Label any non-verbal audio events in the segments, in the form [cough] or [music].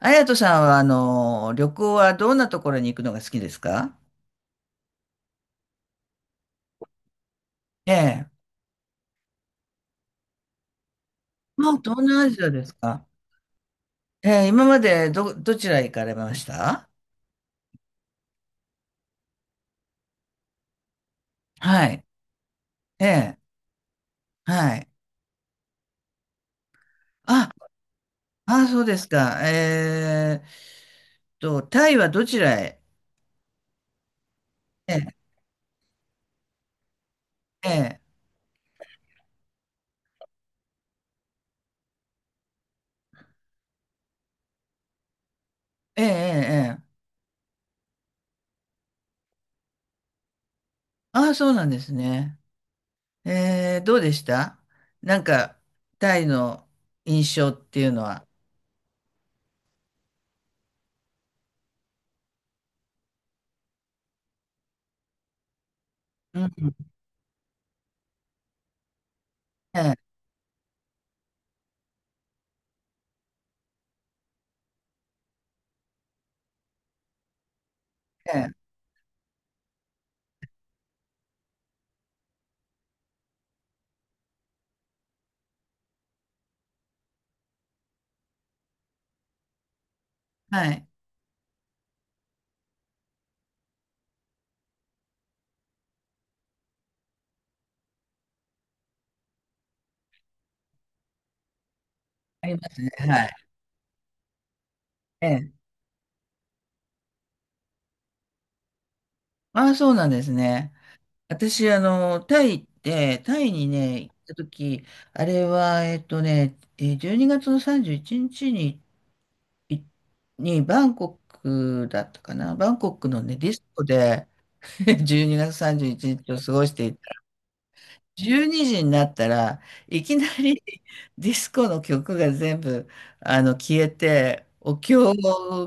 あやとさんは、旅行はどんなところに行くのが好きですか？ええ。まあ、東南アジアですか？ええ、今までどちら行かれました？はい。ええ、はい。あ、あ、そうですか。タイはどちらへ？ええ、ええ、ええ、ええ。ええ、あ、そうなんですね。ええ、どうでした？なんか、タイの印象っていうのは。うん。ええ、ええ、はい。ありますね。はい。ええ、ああ、そうなんですね。私、あの、タイ行って、タイにね、行った時、あれは、えっとね、えー12月の31日にちに、いバンコクだったかな。バンコクのね、ディスコで、 [laughs] 12月31日を過ごしていた。12時になったらいきなり、 [laughs] ディスコの曲が全部、あの、消えて、お経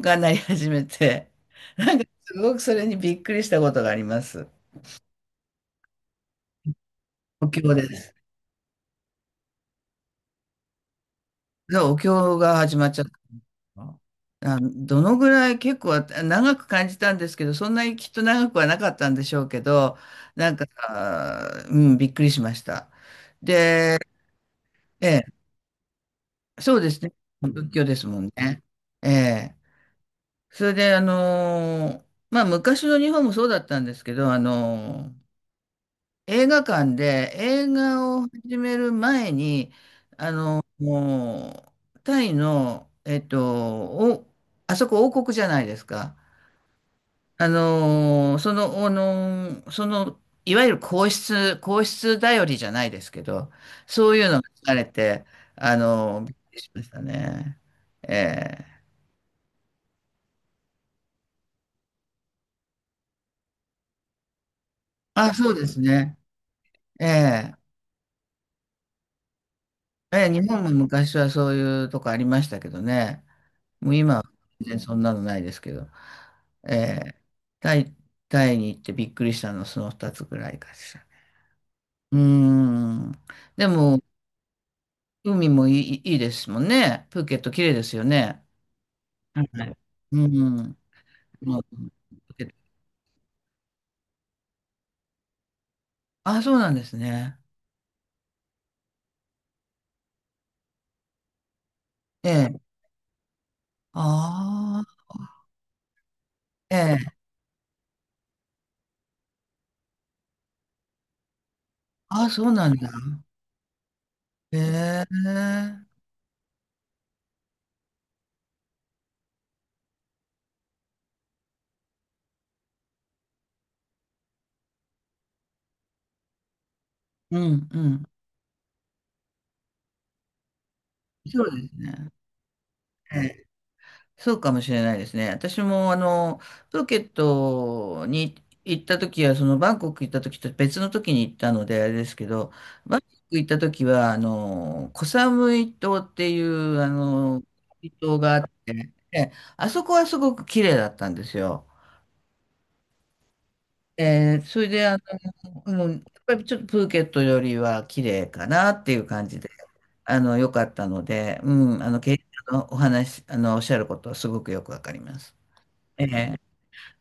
が鳴り始めて、なんか、すごくそれにびっくりしたことがあります。お経です。じゃあ、お経が始まっちゃったのかな。あ、どのぐらい、結構長く感じたんですけど、そんなにきっと長くはなかったんでしょうけど、なんか、うん、びっくりしました。で、ええ、そうですね。仏教ですもんね。ええ。それで、まあ、昔の日本もそうだったんですけど、映画館で映画を始める前に、もう、タイの、あそこ王国じゃないですか。あのー、その、あのー、その、いわゆる皇室、皇室頼りじゃないですけど、そういうのがされて、あのー、びっくりしましたね。ええ、あ、そうですね。ええ、ええ、日本も昔はそういうとこありましたけどね。もう今は全然そんなのないですけど、えータイ、タイに行ってびっくりしたのはその2つぐらいかしら。うーん。でも、海もいい、いいですもんね。プーケット綺麗ですよね。はい。うん。うん、プーケット、あ、そうなんですね。ええ。ああ、ええ。あ、そうなんだ。へえ。うん、うん。そうですね。え、そうかもしれないですね。私もあの、プーケットに行った時は、そのバンコク行った時と別の時に行ったのであれですけど、バンコク行った時は、あの、コサムイ島っていう、あの、島があって、え、あそこはすごく綺麗だったんですよ。えーそれで、あの、うん、やっぱりちょっとプーケットよりは綺麗かなっていう感じで、あの、良かったので、うん、あの、けんのお話、あの、おっしゃることはすごくよくわかります。ええ、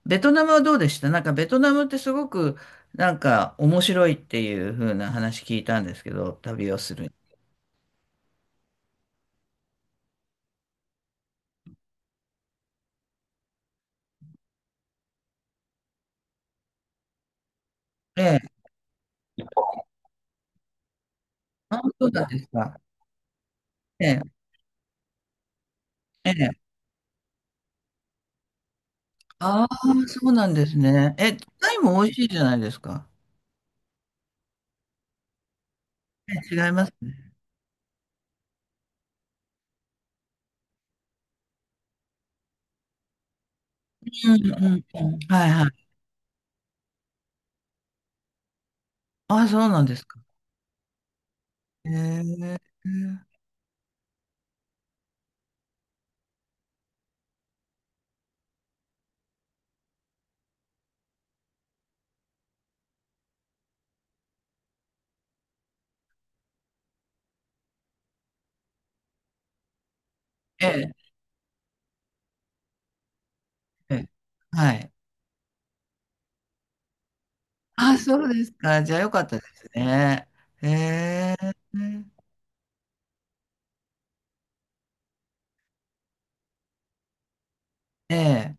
ベトナムはどうでした？なんかベトナムってすごくなんか面白いっていう風な話聞いたんですけど、旅をする。ええ、あ、そうなんですか。ええ、ええ。ああ、そうなんですね。え、タイも美味しいじゃないですか。ええ、違いますね。うんうんうん。はいはい。ああ、そうなんですか。ええ、ええ、ええ。はい。ああ、そうですか。じゃあよかったですね。ええ、ええ、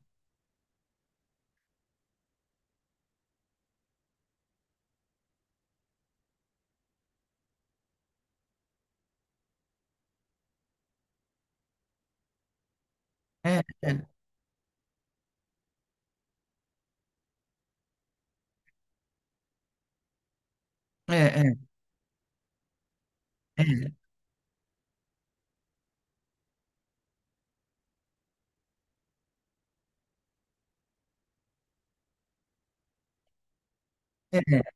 ええ、ええ、ええ、ええ。ええ、ええ、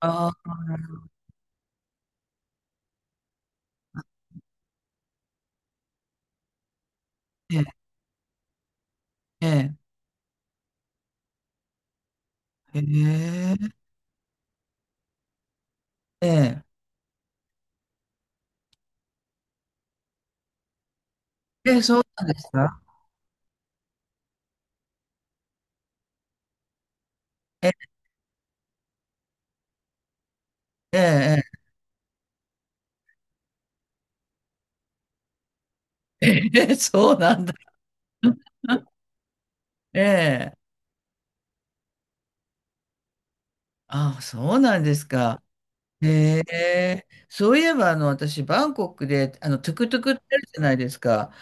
ああ、ええ、ええ、へえ、ええ、え、そうなんですか？ええ、ええ、ええ、[laughs] そうなんだ。[laughs] ええ、ああ、そうなんですか。ええ、そういえば、あの、私、バンコクで、あの、トゥクトゥクってあるじゃないですか。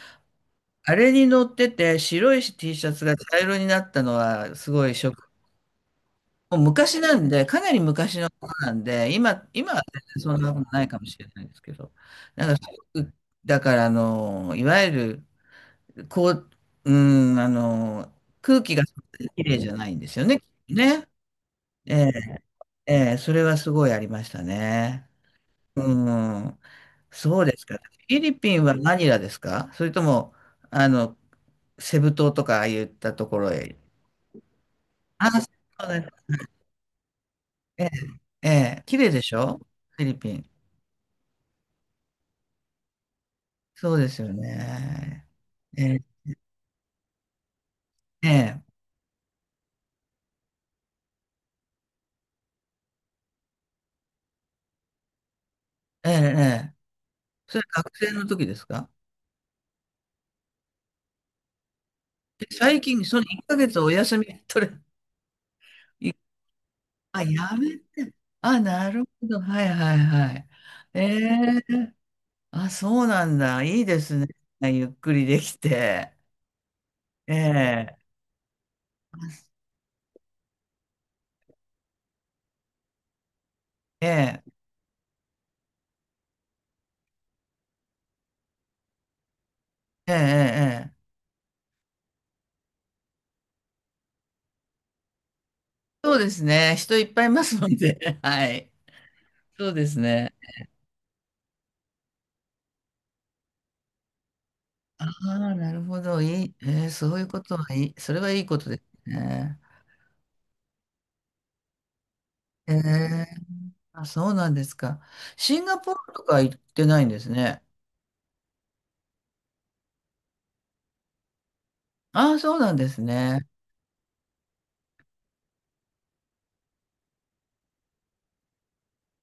あれに乗ってて、白い T シャツが茶色になったのは、すごいショッ。もう昔なんで、かなり昔のことなんで、今、今は全然そんなことないかもしれないですけど、なんか、すごくだから、あの、いわゆる、こう、うん、あの、空気がそんなに綺麗じゃないんですよね、きっとね。ええ、ええ、それはすごいありましたね。うん、そうですか。フィリピンはマニラですか？それとも、あの、セブ島とかああいったところへ。あ、そうです。ええ、ええ、綺麗でしょ？フィリピン。そうですよね。ええ、ええ、ええ、ええ、それ学生の時ですか？え最近、その1ヶ月お休み取れ、い、あ、やめ、あ、なるほど。はいはいはい。ええ、あ、そうなんだ。いいですね。ゆっくりできて。ええ、ええ、ええ、ええ。そうですね。人いっぱいいますので。[laughs] はい。そうですね。ああ、なるほど。いい。ええ、そういうことはいい。それはいいことですね。ええ、あ、そうなんですか。シンガポールとか行ってないんですね。ああ、そうなんですね。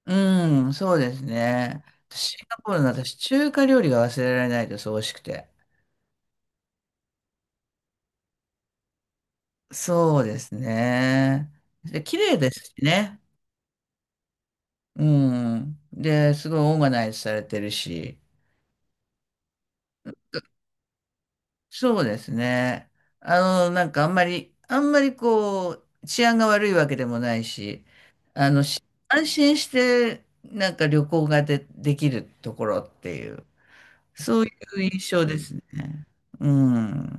うん、そうですね。シンガポールの私、中華料理が忘れられないです、美味しくて。そうですね。で、綺麗ですしね。うん。で、すごいオーガナイズされてるし。そうですね。あの、なんかあんまり、あんまりこう、治安が悪いわけでもないし、安心して、なんか旅行ができるところっていう。そういう印象ですね。うん。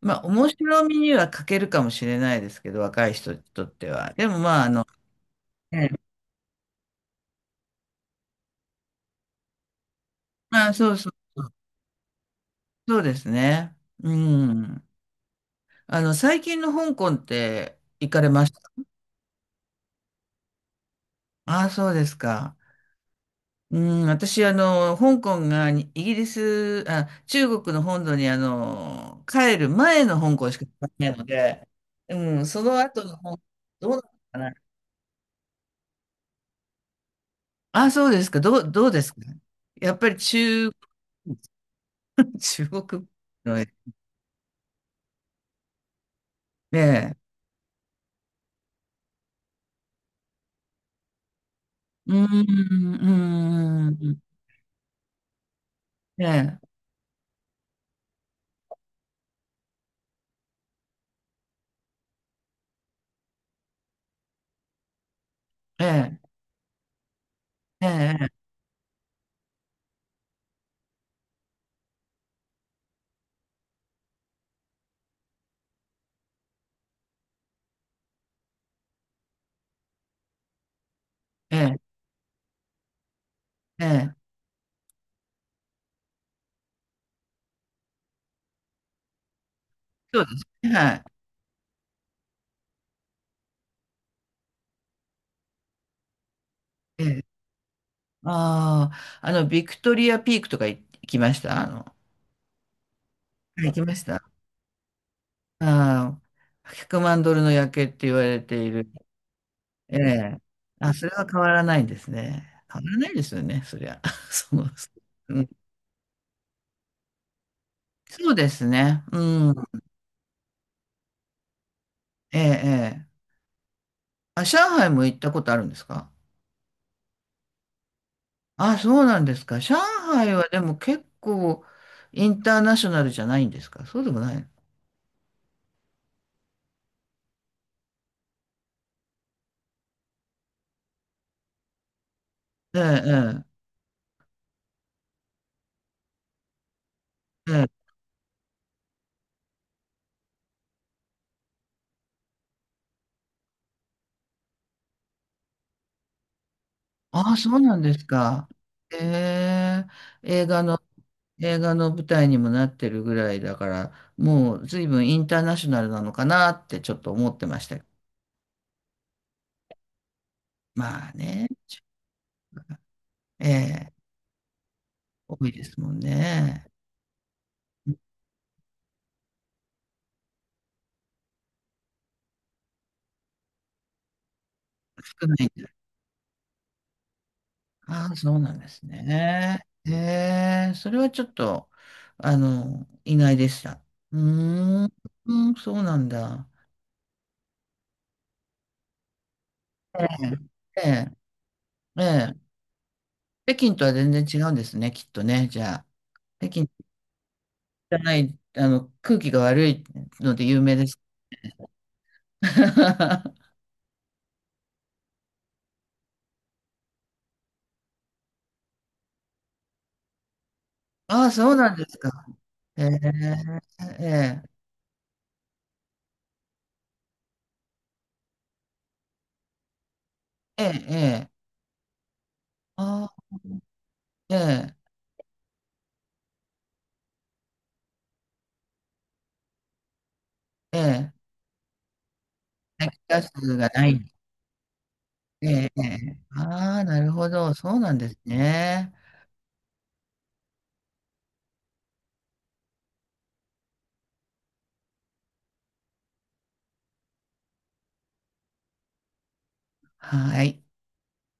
まあ、面白みには欠けるかもしれないですけど、若い人にとっては。でも、まあ、あの、ええ、まあ、そうですね。うん。あの、最近の香港って行かれました？ああ、そうですか。うん、私、あの、香港がイギリス、あ、中国の本土に、あの、帰る前の香港しか行かないので、うん、その後の香港、どうなのかな。あ、そうですか。どうですか。やっぱり[laughs] 中国の絵、ええ、うーん、うーん、ええ、ええ、ええ、ええ、ええ、そうですね。はい。ええ、ああ、あの、ビクトリアピークとか行きました？あの、はい行きました。ああ、100万ドルの夜景って言われている。ええ、あ、それは変わらないんですね。変わらないですよね、そりゃ。[laughs] その、うん、そうですね。うん、ええ、ええ。あ、上海も行ったことあるんですか？あ、そうなんですか。上海はでも結構インターナショナルじゃないんですか？そうでもない。ええ、ええ、ええ。あ、そうなんですか。ええ、映画の、映画の舞台にもなってるぐらいだから、もう随分インターナショナルなのかなってちょっと思ってました。まあね、ええ、多いですもんね。少ない。ああ、そうなんですね。へえ、それはちょっと、あの、意外でした。うーん、うん、そうなんだ。ええ、ええ、ええ、北京とは全然違うんですね、きっとね。じゃあ、北京じゃない、あの、空気が悪いので有名です。[laughs] ああ、そうなんですか。ええ、ええ、ええ、ええ、ああ、ええ、ええ、排気ガスがない。ええ、ああ、なるほど。そうなんですね。はい。